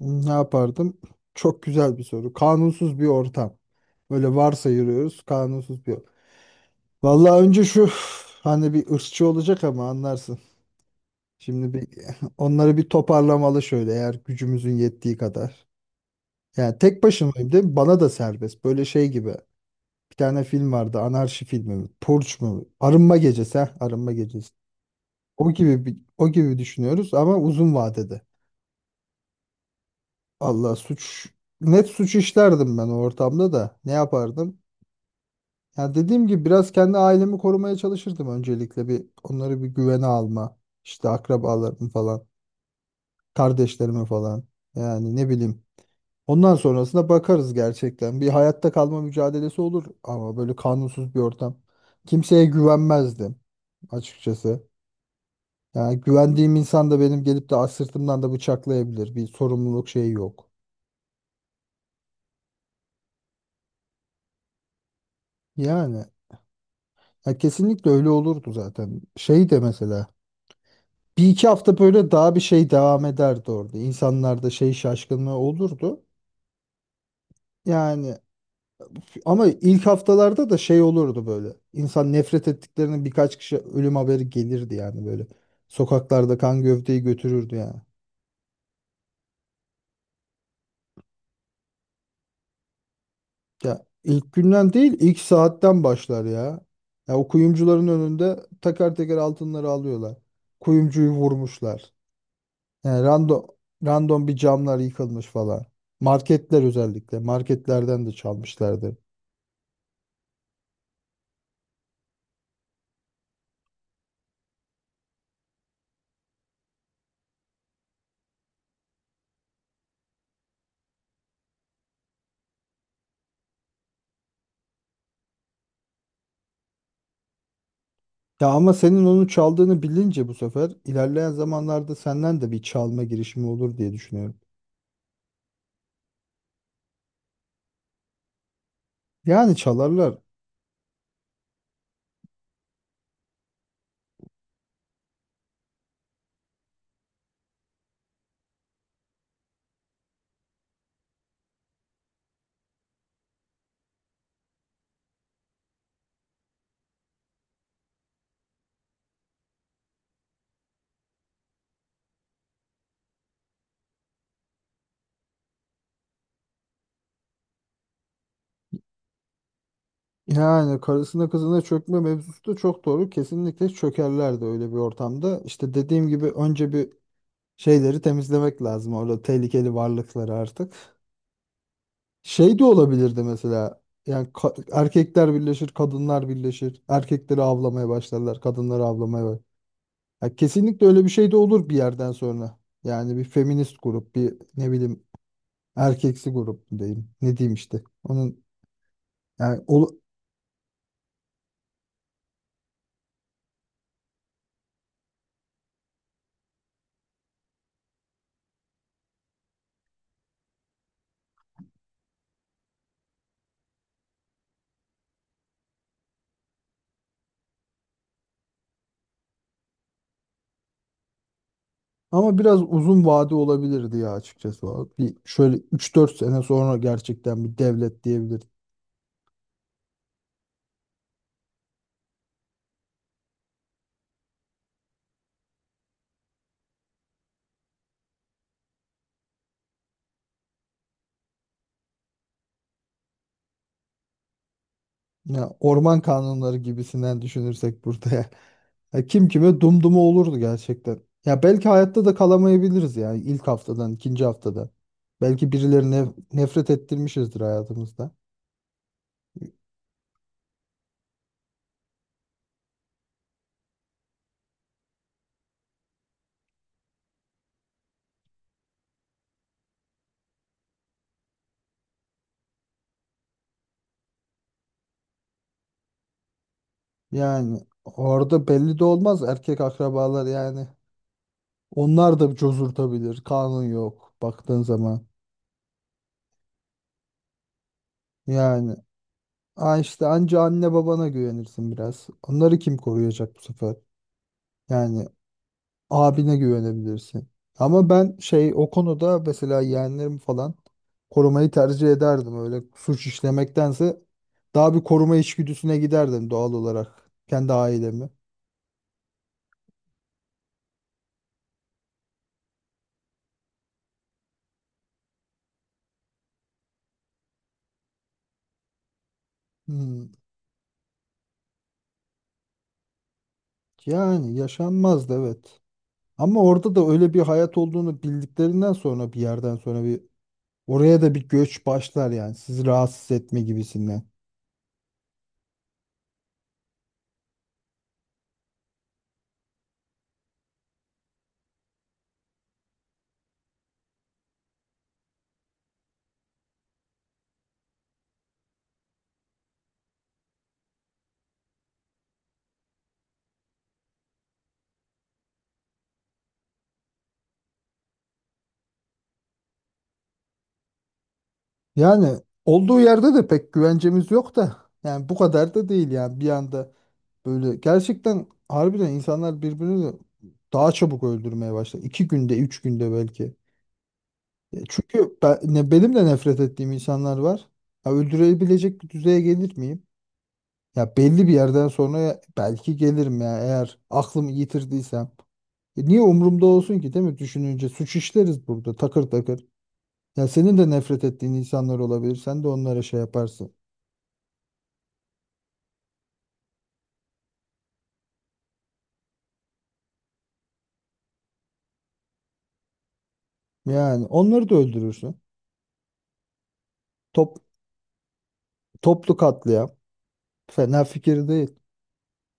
Ne yapardım? Çok güzel bir soru. Kanunsuz bir ortam. Böyle varsayıyoruz, kanunsuz bir ortam. Vallahi önce şu hani bir ırkçı olacak ama anlarsın. Şimdi bir onları bir toparlamalı, şöyle, eğer gücümüzün yettiği kadar. Yani tek başımayım değil mi? Bana da serbest. Böyle şey gibi. Bir tane film vardı. Anarşi filmi mi? Purge mu? Arınma gecesi. Ha, Arınma gecesi. O gibi düşünüyoruz ama uzun vadede. Allah suç net suç işlerdim ben o ortamda da. Ne yapardım? Ya dediğim gibi biraz kendi ailemi korumaya çalışırdım, öncelikle bir onları bir güvene alma. İşte akrabalarımı falan, kardeşlerimi falan. Yani ne bileyim. Ondan sonrasına bakarız gerçekten. Bir hayatta kalma mücadelesi olur ama böyle kanunsuz bir ortam. Kimseye güvenmezdim açıkçası. Yani güvendiğim insan da benim gelip de sırtımdan da bıçaklayabilir. Bir sorumluluk şeyi yok. Yani, ya, kesinlikle öyle olurdu zaten. Şey de mesela, 1-2 hafta böyle daha bir şey devam ederdi orada. İnsanlarda şey şaşkınlığı olurdu. Yani, ama ilk haftalarda da şey olurdu böyle. İnsan nefret ettiklerinin birkaç kişi ölüm haberi gelirdi yani böyle. Sokaklarda kan gövdeyi götürürdü yani. Ya ilk günden değil, ilk saatten başlar ya. Ya o kuyumcuların önünde teker teker altınları alıyorlar. Kuyumcuyu vurmuşlar. Yani, random bir camlar yıkılmış falan. Marketler özellikle. Marketlerden de çalmışlardı. Ya ama senin onu çaldığını bilince bu sefer ilerleyen zamanlarda senden de bir çalma girişimi olur diye düşünüyorum. Yani çalarlar. Yani karısına kızına çökme mevzusu da çok doğru. Kesinlikle çökerler de öyle bir ortamda. İşte dediğim gibi önce bir şeyleri temizlemek lazım. Orada tehlikeli varlıkları artık. Şey de olabilirdi mesela. Yani, erkekler birleşir, kadınlar birleşir. Erkekleri avlamaya başlarlar, kadınları avlamaya. Ya kesinlikle öyle bir şey de olur bir yerden sonra. Yani bir feminist grup, bir ne bileyim, erkeksi grup mu diyeyim. Ne diyeyim işte. Onun yani. Ama biraz uzun vade olabilirdi ya açıkçası. Bir şöyle 3-4 sene sonra gerçekten bir devlet diyebiliriz. Ya orman kanunları gibisinden düşünürsek burada ya. Ya kim kime dumdumu olurdu gerçekten. Ya belki hayatta da kalamayabiliriz ya, ilk haftadan, ikinci haftada. Belki birilerine nefret ettirmişizdir hayatımızda. Yani orada belli de olmaz erkek akrabalar yani. Onlar da cozurtabilir. Kanun yok baktığın zaman. Yani ha işte, anca anne babana güvenirsin biraz. Onları kim koruyacak bu sefer? Yani abine güvenebilirsin. Ama ben şey o konuda, mesela yeğenlerimi falan korumayı tercih ederdim. Öyle suç işlemektense daha bir koruma içgüdüsüne giderdim doğal olarak. Kendi ailemi. Hmm. Yani yaşanmazdı, evet. Ama orada da öyle bir hayat olduğunu bildiklerinden sonra bir yerden sonra bir oraya da bir göç başlar yani, sizi rahatsız etme gibisinden. Yani olduğu yerde de pek güvencemiz yok da yani bu kadar da değil yani, bir anda böyle gerçekten harbiden insanlar birbirini daha çabuk öldürmeye başlar. 2 günde, 3 günde belki. Çünkü benim de nefret ettiğim insanlar var. Ya öldürebilecek bir düzeye gelir miyim? Ya belli bir yerden sonra belki gelirim ya, eğer aklımı yitirdiysem. E, niye umurumda olsun ki, değil mi? Düşününce suç işleriz burada takır takır. Ya senin de nefret ettiğin insanlar olabilir. Sen de onlara şey yaparsın. Yani onları da öldürürsün. Top, Toplu katliam. Fena fikir değil.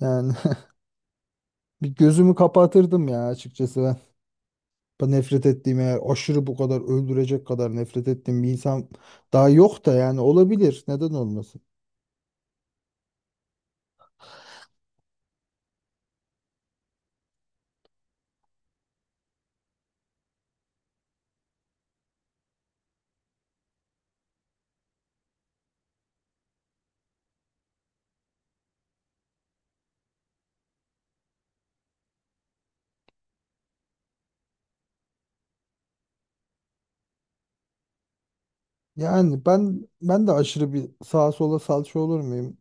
Yani bir gözümü kapatırdım ya açıkçası ben. Ben nefret ettiğim, eğer aşırı bu kadar öldürecek kadar nefret ettiğim bir insan daha yok da yani olabilir. Neden olmasın? Yani, ben de aşırı bir sağa sola salça olur muyum?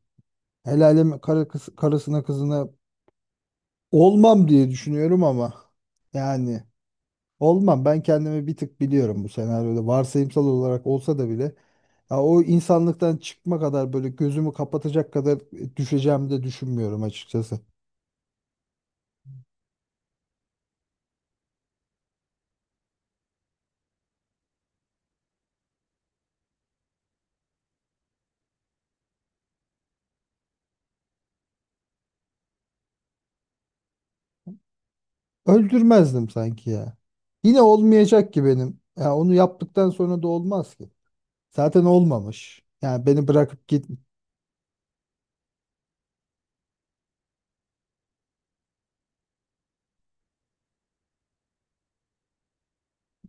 Helaleme karısına kızına olmam diye düşünüyorum ama yani, olmam. Ben kendimi bir tık biliyorum bu senaryoda. Varsayımsal olarak olsa da bile. Ya o insanlıktan çıkma kadar böyle gözümü kapatacak kadar düşeceğimi de düşünmüyorum açıkçası. Öldürmezdim sanki ya. Yine olmayacak ki benim. Ya onu yaptıktan sonra da olmaz ki. Zaten olmamış. Yani beni bırakıp git.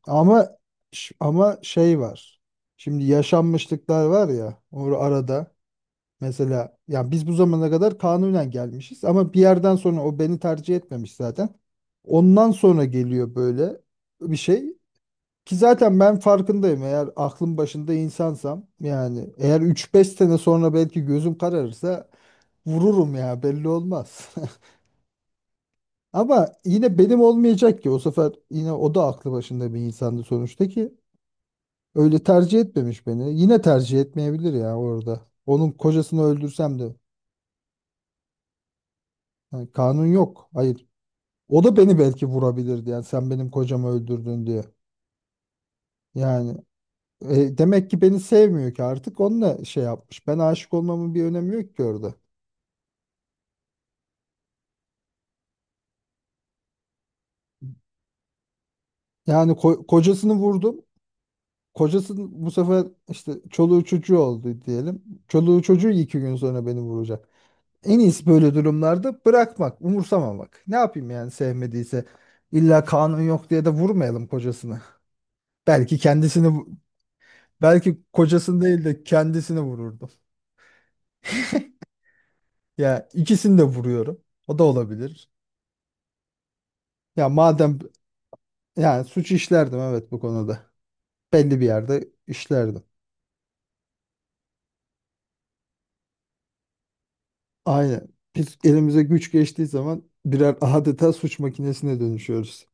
Ama ama şey var. Şimdi yaşanmışlıklar var ya, arada. Mesela yani biz bu zamana kadar kanunen gelmişiz ama bir yerden sonra o beni tercih etmemiş zaten. Ondan sonra geliyor böyle bir şey ki zaten ben farkındayım, eğer aklım başında insansam yani, eğer 3-5 sene sonra belki gözüm kararırsa vururum ya, belli olmaz. Ama yine benim olmayacak ki o sefer, yine o da aklı başında bir insandı sonuçta ki. Öyle tercih etmemiş beni. Yine tercih etmeyebilir ya orada. Onun kocasını öldürsem de yani kanun yok. Hayır. O da beni belki vurabilirdi yani, sen benim kocamı öldürdün diye. Yani, demek ki beni sevmiyor ki artık, onunla şey yapmış. Ben aşık olmamın bir önemi yok ki orada. Yani, kocasını vurdum. Kocası bu sefer işte çoluğu çocuğu oldu diyelim. Çoluğu çocuğu 2 gün sonra beni vuracak. En iyisi böyle durumlarda bırakmak, umursamamak. Ne yapayım yani sevmediyse. İlla kanun yok diye de vurmayalım kocasını. Belki kendisini, belki kocasını değil de kendisini vururdum. Ya ikisini de vuruyorum. O da olabilir. Ya madem, yani suç işlerdim evet bu konuda. Belli bir yerde işlerdim. Aynen. Biz elimize güç geçtiği zaman birer adeta suç makinesine dönüşüyoruz.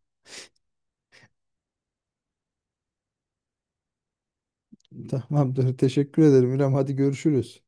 Tamamdır. Teşekkür ederim İrem. Hadi görüşürüz.